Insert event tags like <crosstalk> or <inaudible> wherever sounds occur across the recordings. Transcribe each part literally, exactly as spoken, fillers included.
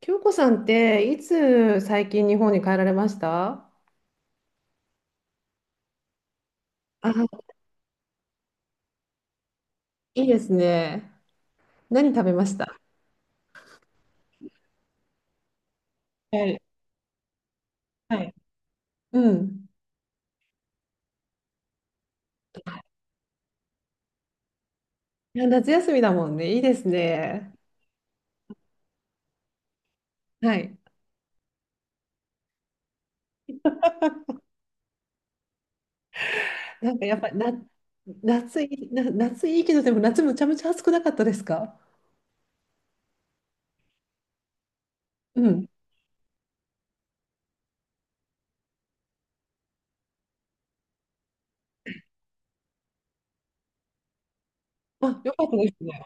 京子さんっていつ最近日本に帰られました？あ、いいですね。何食べました？はい。はい。うん。いや夏休みだもんね。いいですね。はい。なんかやっぱりな夏い、な、夏いいけど、でも夏むちゃむちゃ暑くなかったですか？うん。あ、よかったですね。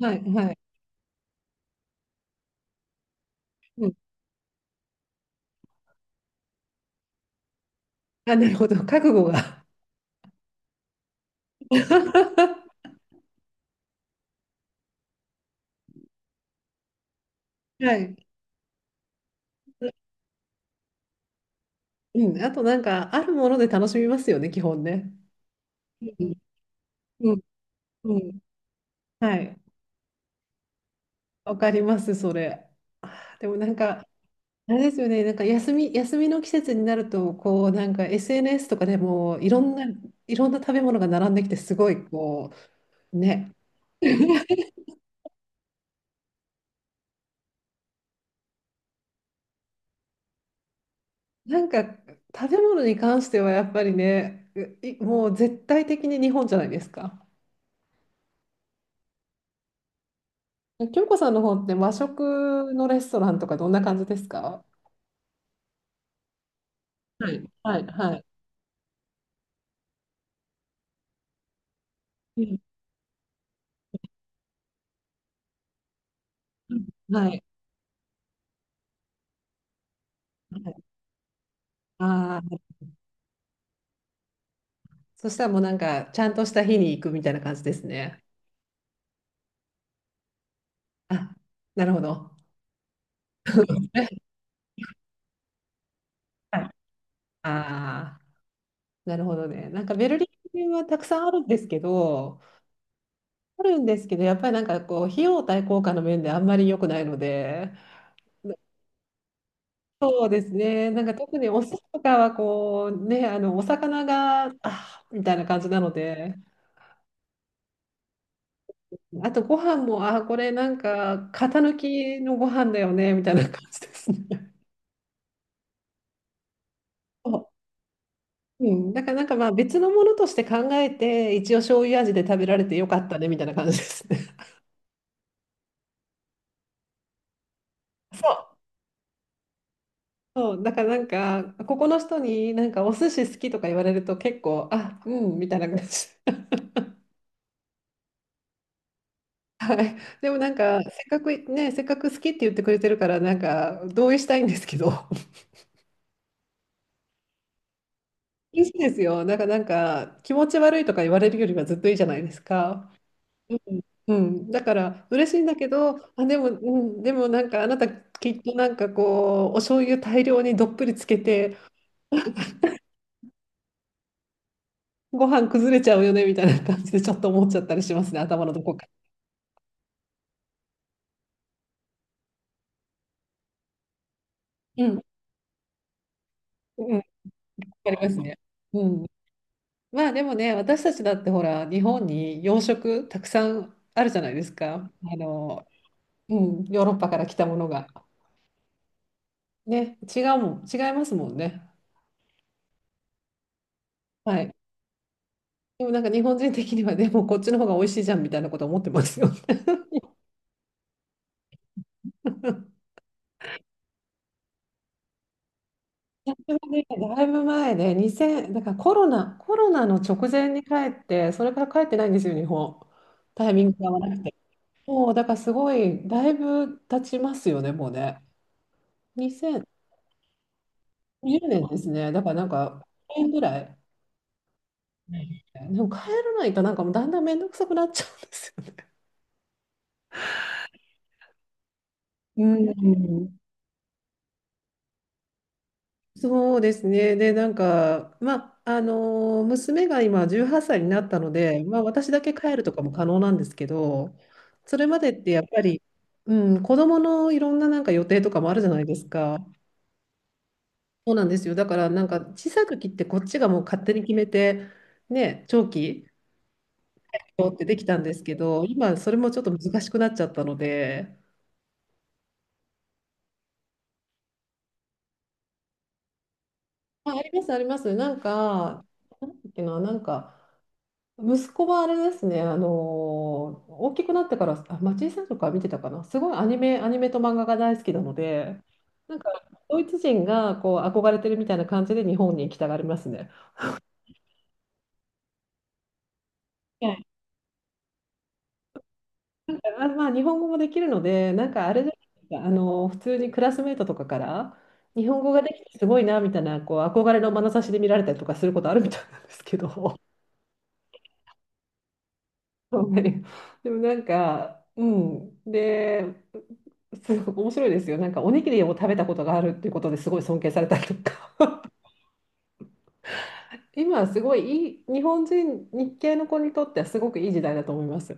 はい、はい。うん。あ、なるほど。覚悟が。<laughs> はい。うん。あとなんか、あるもので楽しみますよね、基本ね。うん、うん、うん。はい。わかります、それ。あーでもなんか、あれですよね、なんか休み、休みの季節になると、こう、なんか エスエヌエス とかでも、いろんな、いろんな食べ物が並んできて、すごい、こう、ね。<laughs> なんか、食べ物に関してはやっぱりね、ういもう絶対的に日本じゃないですか。京子さんの方って和食のレストランとかどんな感じですか？はい、はい、はい。うん。うん。はい。はい。ああ、そしたらもうなんか、ちゃんとした日に行くみたいな感じですね。あ、なるほど。<laughs> はい。ああー、なるほどね。なんかベルリンはたくさんあるんですけど、あるんですけど、やっぱりなんかこう、費用対効果の面であんまり良くないので、そうですね、なんか特にお寿司とかはこう、ね、あのお魚が、あーみたいな感じなので、あとご飯も、あー、これなんか、型抜きのご飯だよね、みたいな感じですね。<laughs> そううん、だからなんかまあ別のものとして考えて、一応醤油味で食べられてよかったね、みたいな感じですね。そう。そう、だからなんか、ここの人になんかお寿司好きとか言われると結構、あ、うん、みたいな感じ。<laughs> でもなんか、せっかくね、せっかく好きって言ってくれてるから、なんか同意したいんですけど、<laughs> いいですよ。なんか、なんか気持ち悪いとか言われるよりはずっといいじゃないですか。うん、うんだから嬉しいんだけど、あ、でも、うん、でもなんかあなたきっとなんかこう、お醤油大量にどっぷりつけて、ご飯崩れちゃうよねみたいな感じでちょっと思っちゃったりしますね、頭のどこか。うん。うん。わかりますね。うん。まあでもね、私たちだってほら、日本に洋食たくさんあるじゃないですか。あの、うん、ヨーロッパから来たものが。ね、違うもん、違いますもんね。はい。でもなんか日本人的にはでもこっちの方が美味しいじゃんみたいなこと思ってますよ。<laughs> 私もね、だいぶ前でにせん、だからコロナ、コロナの直前に帰って、それから帰ってないんですよ、日本。タイミングが合わなくて。もうだからすごい、だいぶ経ちますよね、もうね。にせん、じゅうねんですね。だからなんか、いちねんぐらい。うん。でも帰らないとなんかもうだんだん面倒くさくなっちゃうんですよね。うん、そうですね。で、なんか、まあ、あの娘が今じゅうはっさいになったので、まあ、私だけ帰るとかも可能なんですけど、それまでってやっぱり、うん、子供のいろんななんか予定とかもあるじゃないですか。そうなんですよ。だからなんか小さい時ってこっちがもう勝手に決めて、ね、長期よってできたんですけど、今それもちょっと難しくなっちゃったので、あ、あります、あります。なんか、なんだっけな、なんか、息子はあれですね、あの大きくなってから、あ、町井さんとか見てたかな、すごいアニメ、アニメと漫画が大好きなので、なんか、ドイツ人がこう憧れてるみたいな感じで日本に行きたがりますね。なんかまあまあ、日本語もできるので、なんかあれじゃないですか、あの、普通にクラスメートとかから、日本語ができてすごいなみたいな、こう憧れの眼差しで見られたりとかすることあるみたいなんですけど、はい。 <laughs> でもなんか、うん、で、すごく面白いですよ、なんかおにぎりを食べたことがあるっていうことですごい尊敬されたりとか、<laughs> 今はすごいいい、日本人、日系の子にとってはすごくいい時代だと思います。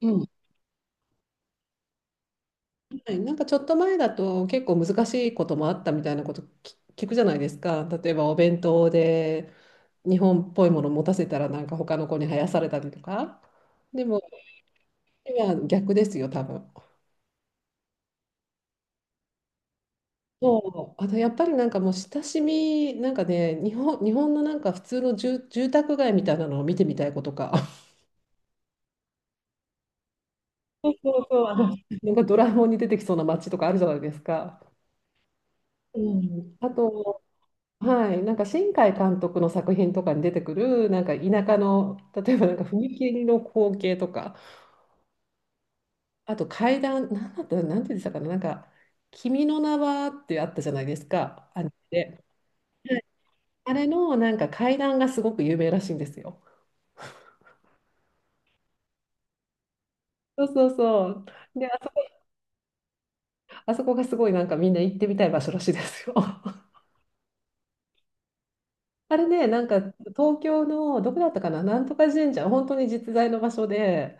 うん。はい。なんかちょっと前だと結構難しいこともあったみたいなことき聞くじゃないですか。例えばお弁当で日本っぽいものを持たせたらなんか他の子に生やされたりとか。でも今は逆ですよ、多分。そう、あとやっぱりなんかもう親しみ、なんかね、日本、日本のなんか普通の住、住宅街みたいなのを見てみたいことか。<laughs> そうそう、<laughs> あの、なんかドラえもんに出てきそうな街とかあるじゃないですか。うん、あと、はい、なんか新海監督の作品とかに出てくるなんか田舎の、例えばなんか踏切の光景とか、あと階段なんだったなんて言ってたかな、なんか「君の名は」ってあったじゃないですか、あメで、あれのなんか階段がすごく有名らしいんですよ。そうそうそう。で、あそこ、あそこがすごいなんかみんな行ってみたい場所らしいですよ。<laughs> あれね、なんか東京のどこだったかな、なんとか神社、本当に実在の場所で、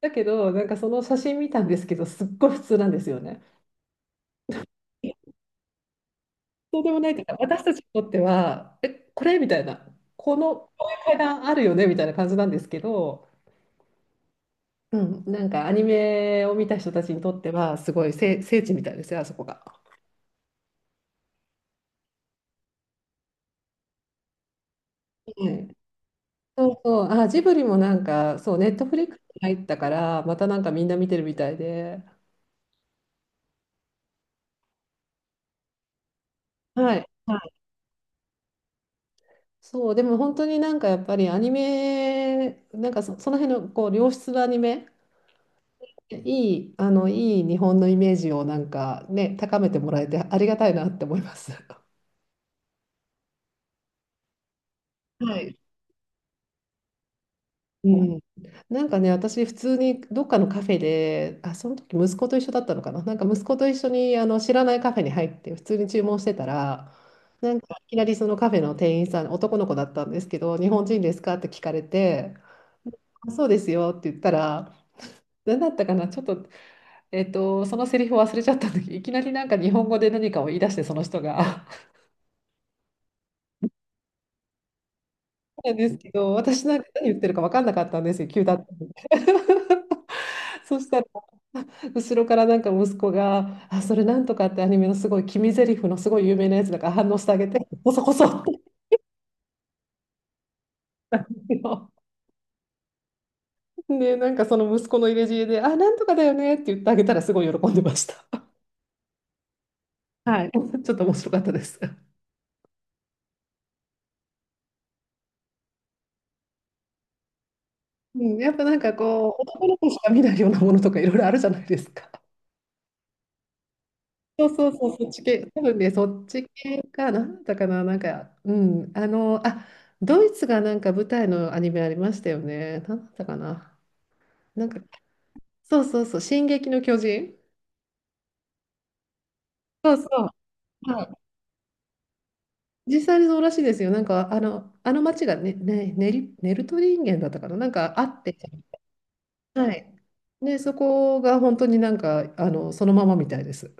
だけど、なんかその写真見たんですけど、すっごい普通なんですよね。そうでもないというか、私たちにとっては、え、これみたいな、この、こういう階段あるよねみたいな感じなんですけど、うん、なんかアニメを見た人たちにとっては、すごい聖、聖地みたいですよ、あそこが。はい、そうそう、あ、ジブリもなんか、そう、ネットフリックスに入ったから、またなんかみんな見てるみたいで、はい、はい。そう、でも本当になんかやっぱりアニメ、なんかそ、その辺のこう良質なアニメ、いい、あの、いい日本のイメージをなんかね、高めてもらえてありがたいなって思います。はい。うん、なんかね、私、普通にどっかのカフェで、あ、その時息子と一緒だったのかな、なんか息子と一緒にあの知らないカフェに入って、普通に注文してたら、なんかいきなりそのカフェの店員さん、男の子だったんですけど、日本人ですかって聞かれて、あそうですよって言ったら、何だったかな、ちょっと、えっと、そのセリフを忘れちゃったんだけど、いきなりなんか日本語で何かを言い出して、その人が。なんですけど、私なんか何言ってるか分かんなかったんですよ、急だったんで。<laughs> そしたら、後ろからなんか息子が、あ、それなんとかってアニメのすごい君ゼリフのすごい有名なやつだから反応してあげて、こそこそって言うの。<laughs> で、なんかその息子の入れ知恵で、あ、なんとかだよねって言ってあげたらすごい喜んでました。はい。<laughs> ちょっと面白かったです。うん、やっぱなんかこう、男の子しか見ないようなものとかいろいろあるじゃないですか。そうそうそう、そっち系、多分ね、そっち系かな、なんだったかな、なんか、うん、あの、あ、ドイツがなんか舞台のアニメありましたよね、なんだったかな、なんか、そうそうそう、進撃の巨人、そうそう、はい、実際にそうらしいですよ、なんか、あの、あの町がね、ね、ネリ、ネルトリンゲンだったかな、なんかあって、はい、で、そこが本当になんか、あの、そのままみたいです。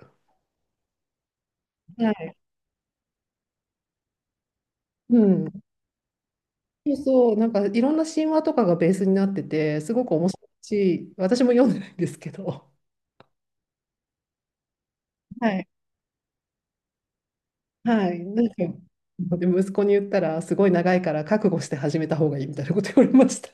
はい、うん。そうそう、なんかいろんな神話とかがベースになってて、すごく面白いし、私も読んでないんですけど、はい。はい、なんか、で息子に言ったら、すごい長いから覚悟して始めた方がいいみたいなこと言われました。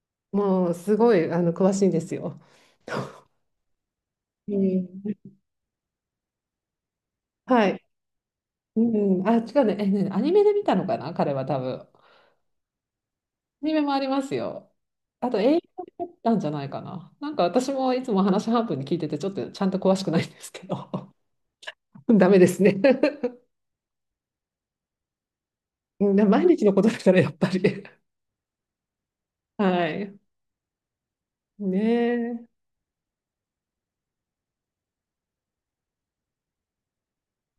<laughs> もう、すごい、あの、詳しいんですよ。<laughs> うん、はい。うん、あ、違うね、え、ね、アニメで見たのかな、彼は多分。アニメもありますよ。あと、映画だったんじゃないかな。なんか私もいつも話半分に聞いてて、ちょっとちゃんと詳しくないんですけど、<laughs> ダメですね。うん、な毎日のことだからやっぱり。<laughs> はい。ねえ。